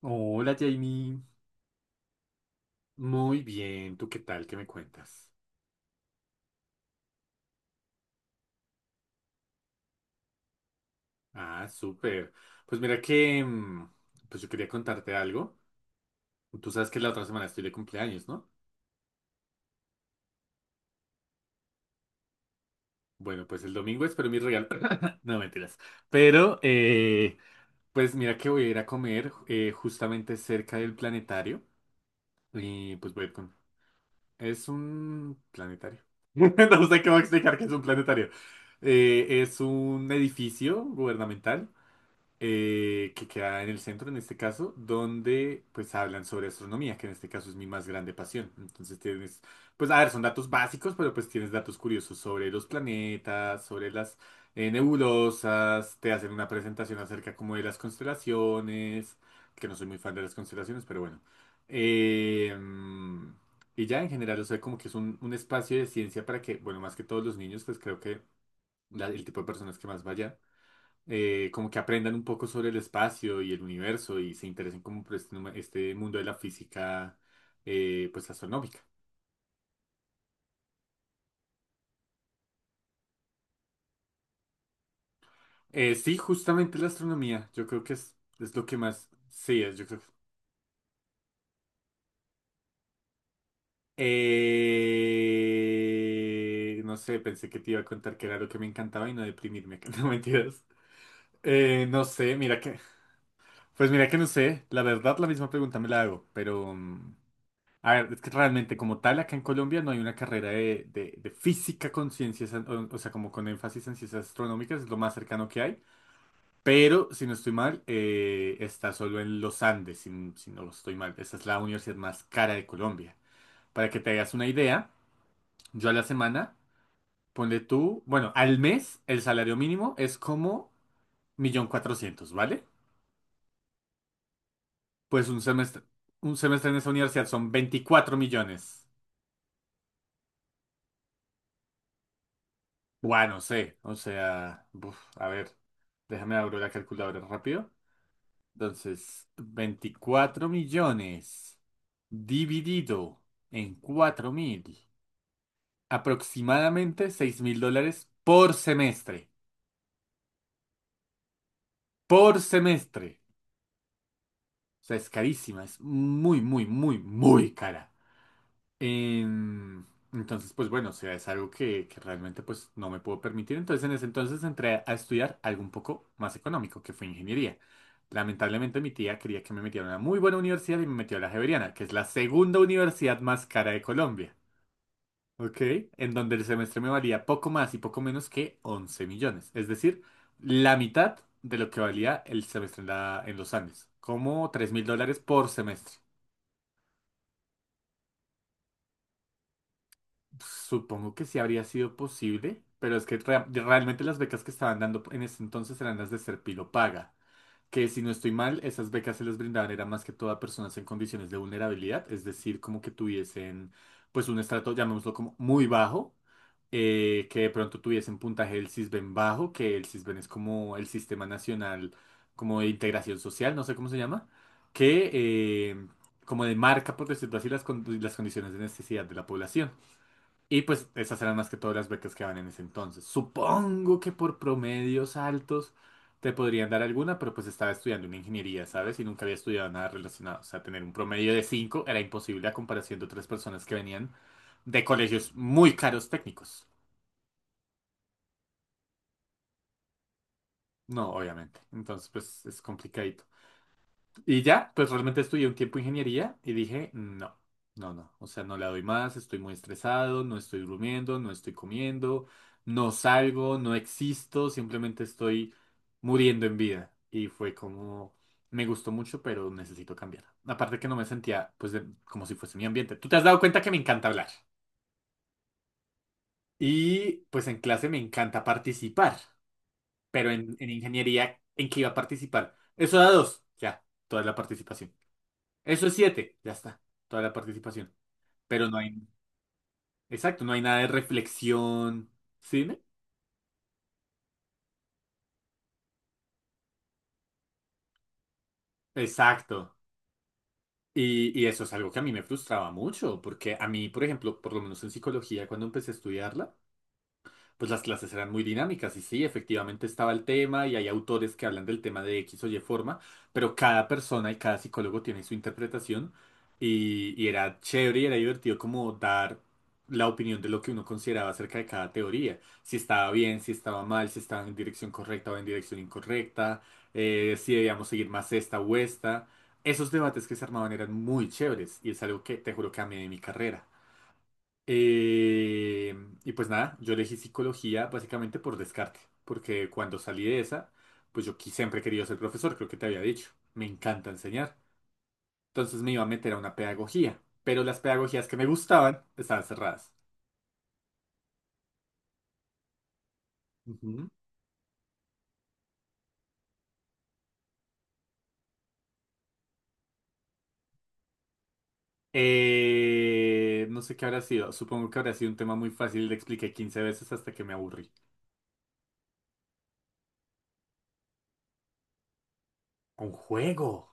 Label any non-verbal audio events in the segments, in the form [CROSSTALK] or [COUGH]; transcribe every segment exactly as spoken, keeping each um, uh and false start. Hola Jamie, muy bien, ¿tú qué tal? ¿Qué me cuentas? Ah, súper. Pues mira que, mm, pues yo quería contarte algo. Tú sabes que la otra semana estoy de cumpleaños, ¿no? Bueno, pues el domingo espero mi regalo. [LAUGHS] No, mentiras. Pero, eh, pues mira que voy a ir a comer eh, justamente cerca del planetario. Y pues voy a ir con... Es un planetario. [LAUGHS] No sé cómo explicar que es un planetario. Eh, es un edificio gubernamental eh, que queda en el centro en este caso, donde pues hablan sobre astronomía, que en este caso es mi más grande pasión. Entonces tienes, pues a ver, son datos básicos, pero pues tienes datos curiosos sobre los planetas, sobre las eh, nebulosas, te hacen una presentación acerca como de las constelaciones, que no soy muy fan de las constelaciones, pero bueno. Eh, mm, y ya en general, o sea, como que es un, un espacio de ciencia para que, bueno, más que todos los niños, pues creo que la- el tipo de personas que más vaya eh, como que aprendan un poco sobre el espacio y el universo y se interesen como por este, numa- este mundo de la física, eh, pues astronómica. Eh, sí, justamente la astronomía, yo creo que es, es lo que más, sí, es, yo creo que... Eh, no sé, pensé que te iba a contar que era lo que me encantaba y no deprimirme, [LAUGHS] no mentiras. Eh, no sé, mira que, pues mira que no sé, la verdad la misma pregunta me la hago, pero... mm, a ver, es que realmente como tal acá en Colombia no hay una carrera de, de- de física con ciencias, an- o, o sea, como con énfasis en ciencias astronómicas, es lo más cercano que hay, pero si no estoy mal, eh, está solo en los Andes, si, n- si no estoy mal. Esa es la universidad más cara de Colombia. Para que te hagas una idea, yo a la semana, ponle tú, bueno, al mes el salario mínimo es como un millón cuatrocientos mil, ¿vale? Pues un semestre, un semestre en esa universidad son veinticuatro millones. Bueno, no sé, o sea, uf, a ver, déjame abrir la calculadora rápido. Entonces, veinticuatro millones dividido en cuatro mil, aproximadamente seis mil dólares por semestre, por semestre. O sea, es carísima, es muy, muy, muy, muy cara. Em, entonces, pues bueno, o sea, es algo que, que realmente pues no me puedo permitir. Entonces, en ese entonces entré a estudiar algo un poco más económico, que fue ingeniería. Lamentablemente mi tía quería que me metiera a una muy buena universidad y me metió a la Javeriana, que es la segunda universidad más cara de Colombia, ¿ok? En donde el semestre me valía poco más y poco menos que once millones, es decir, la mitad de lo que valía el semestre en, la- en los Andes, como tres mil dólares por semestre. Supongo que sí habría sido posible, pero es que rea- realmente las becas que estaban dando en ese entonces eran las de ser paga, que si no estoy mal, esas becas se les brindaban era más que todo a personas en condiciones de vulnerabilidad, es decir, como que tuviesen pues un estrato, llamémoslo como muy bajo, eh, que de pronto tuviesen puntaje del Sisbén bajo, que el Sisbén es como el Sistema Nacional como de Integración Social, no sé cómo se llama, que eh, como demarca, por decirlo así, las, con- las condiciones de necesidad de la población. Y pues esas eran más que todas las becas que daban en ese entonces. Supongo que por promedios altos te podrían dar alguna, pero pues estaba estudiando una ingeniería, ¿sabes? Y nunca había estudiado nada relacionado. O sea, tener un promedio de cinco era imposible a comparación de otras personas que venían de colegios muy caros técnicos. No, obviamente. Entonces, pues es complicado. Y ya, pues realmente estudié un tiempo ingeniería y dije, no, no, no, o sea, no le doy más, estoy muy estresado, no estoy durmiendo, no estoy comiendo, no salgo, no existo, simplemente estoy muriendo en vida. Y fue como, me gustó mucho, pero necesito cambiar. Aparte que no me sentía, pues, de- como si fuese mi ambiente. Tú te has dado cuenta que me encanta hablar y pues en clase me encanta participar, pero en, en ingeniería, ¿en qué iba a participar? Eso da dos, ya, toda la participación. Eso es siete, ya está, toda la participación. Pero no hay, exacto, no hay nada de reflexión. ¿Cine? Exacto. Y, y eso es algo que a mí me frustraba mucho, porque a mí, por ejemplo, por lo menos en psicología, cuando empecé a estudiarla, pues las clases eran muy dinámicas y sí, efectivamente estaba el tema y hay autores que hablan del tema de X o Y forma, pero cada persona y cada psicólogo tiene su interpretación y, y era chévere y era divertido como dar la opinión de lo que uno consideraba acerca de cada teoría, si estaba bien, si estaba mal, si estaba en dirección correcta o en dirección incorrecta, eh, si debíamos seguir más esta o esta. Esos debates que se armaban eran muy chéveres y es algo que te juro que amé de mi carrera. Eh, y pues nada, yo elegí psicología básicamente por descarte, porque cuando salí de esa, pues yo qui- siempre he querido ser profesor, creo que te había dicho, me encanta enseñar. Entonces me iba a meter a una pedagogía, pero las pedagogías que me gustaban estaban cerradas. Ujú. Eh, no sé qué habrá sido, supongo que habrá sido un tema muy fácil, le expliqué quince veces hasta que me aburrí. Un juego.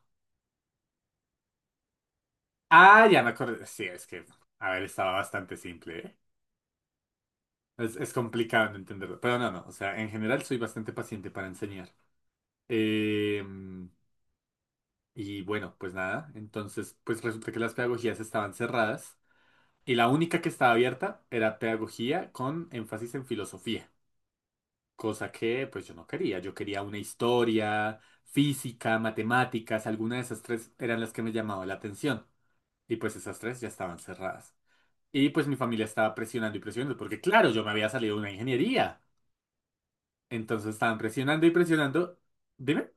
Ah, ya me acordé. Sí, es que, a ver, estaba bastante simple, ¿eh? Es, es complicado de entenderlo, pero no, no, o sea, en general soy bastante paciente para enseñar. Em, y bueno, pues nada, entonces pues resulta que las pedagogías estaban cerradas y la única que estaba abierta era pedagogía con énfasis en filosofía, cosa que pues yo no quería, yo quería una historia, física, matemáticas, alguna de esas tres eran las que me llamaba la atención y pues esas tres ya estaban cerradas. Y pues mi familia estaba presionando y presionando porque claro, yo me había salido de una ingeniería. Entonces estaban presionando y presionando. Dime,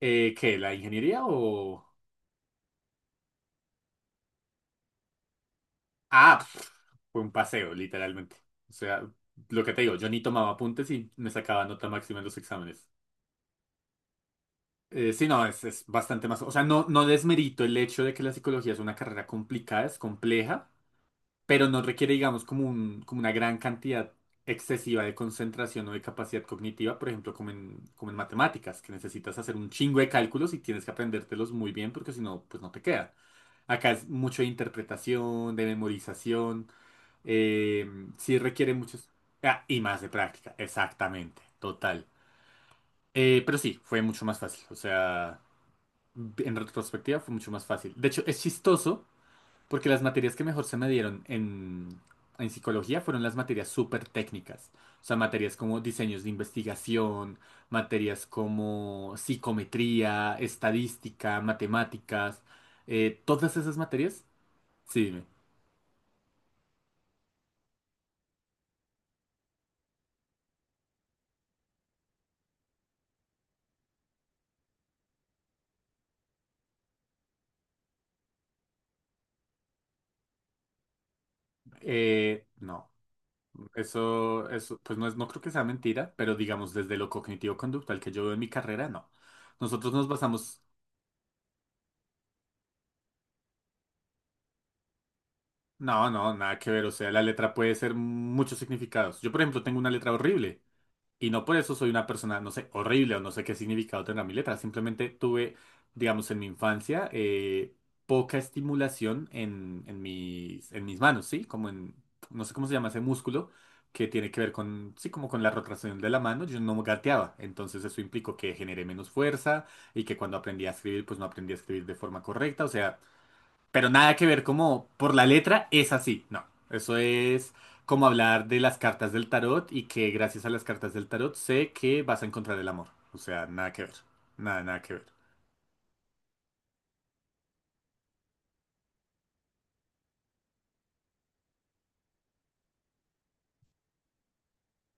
eh, ¿qué? ¿La ingeniería o...? Ah, pf, fue un paseo, literalmente. O sea, lo que te digo, yo ni tomaba apuntes y me sacaba nota máxima en los exámenes. Eh, sí, no, es, es bastante más... O sea, no, no desmerito el hecho de que la psicología es una carrera complicada, es compleja. Pero no requiere, digamos, como un, como una gran cantidad excesiva de concentración o de capacidad cognitiva, por ejemplo, como en, como en matemáticas, que necesitas hacer un chingo de cálculos y tienes que aprendértelos muy bien porque si no, pues no te queda. Acá es mucho de interpretación, de memorización, eh, sí requiere muchos... Ah, y más de práctica, exactamente, total. Eh, pero sí, fue mucho más fácil, o sea, en retrospectiva fue mucho más fácil. De hecho, es chistoso porque las materias que mejor se me dieron en, en psicología fueron las materias súper técnicas. O sea, materias como diseños de investigación, materias como psicometría, estadística, matemáticas. eh, todas esas materias, sí, dime. Eh, no, eso, eso, pues no es, no creo que sea mentira, pero digamos desde lo cognitivo-conductual que yo veo en mi carrera, no. Nosotros nos basamos, no, no, nada que ver. O sea, la letra puede ser muchos significados. Yo, por ejemplo, tengo una letra horrible. Y no por eso soy una persona, no sé, horrible o no sé qué significado tendrá mi letra. Simplemente tuve, digamos, en mi infancia, eh, poca estimulación en, en mis, en mis manos, ¿sí? Como en, no sé cómo se llama ese músculo que tiene que ver con, sí, como con la rotación de la mano. Yo no gateaba. Entonces eso implicó que generé menos fuerza y que cuando aprendí a escribir, pues no aprendí a escribir de forma correcta. O sea, pero nada que ver como por la letra es así, no. Eso es como hablar de las cartas del tarot y que gracias a las cartas del tarot sé que vas a encontrar el amor. O sea, nada que ver. Nada, nada que ver.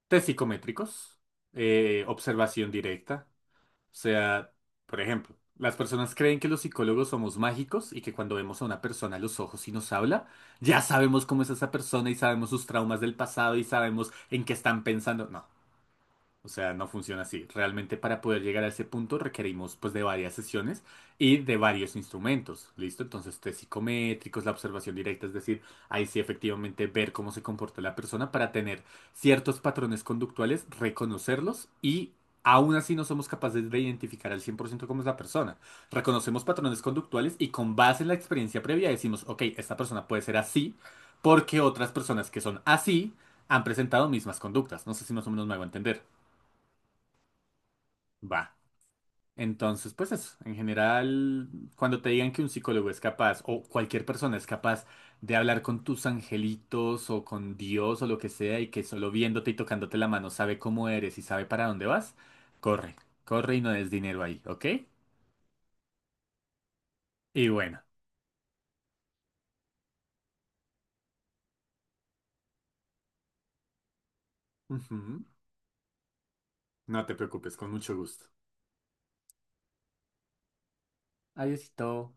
Test psicométricos, eh, observación directa. O sea, por ejemplo, las personas creen que los psicólogos somos mágicos y que cuando vemos a una persona a los ojos y nos habla, ya sabemos cómo es esa persona y sabemos sus traumas del pasado y sabemos en qué están pensando. No. O sea, no funciona así. Realmente para poder llegar a ese punto requerimos pues de varias sesiones y de varios instrumentos. ¿Listo? Entonces, test psicométricos, la observación directa, es decir, ahí sí efectivamente ver cómo se comporta la persona para tener ciertos patrones conductuales, reconocerlos y aún así no somos capaces de identificar al cien por ciento cómo es la persona. Reconocemos patrones conductuales y con base en la experiencia previa decimos, ok, esta persona puede ser así porque otras personas que son así han presentado mismas conductas. No sé si más o menos me hago entender. Va. Entonces, pues eso, en general, cuando te digan que un psicólogo es capaz o cualquier persona es capaz de hablar con tus angelitos o con Dios o lo que sea y que solo viéndote y tocándote la mano sabe cómo eres y sabe para dónde vas, corre, corre y no des dinero ahí, ¿ok? Y bueno, ujú, no te preocupes, con mucho gusto. Adiósito.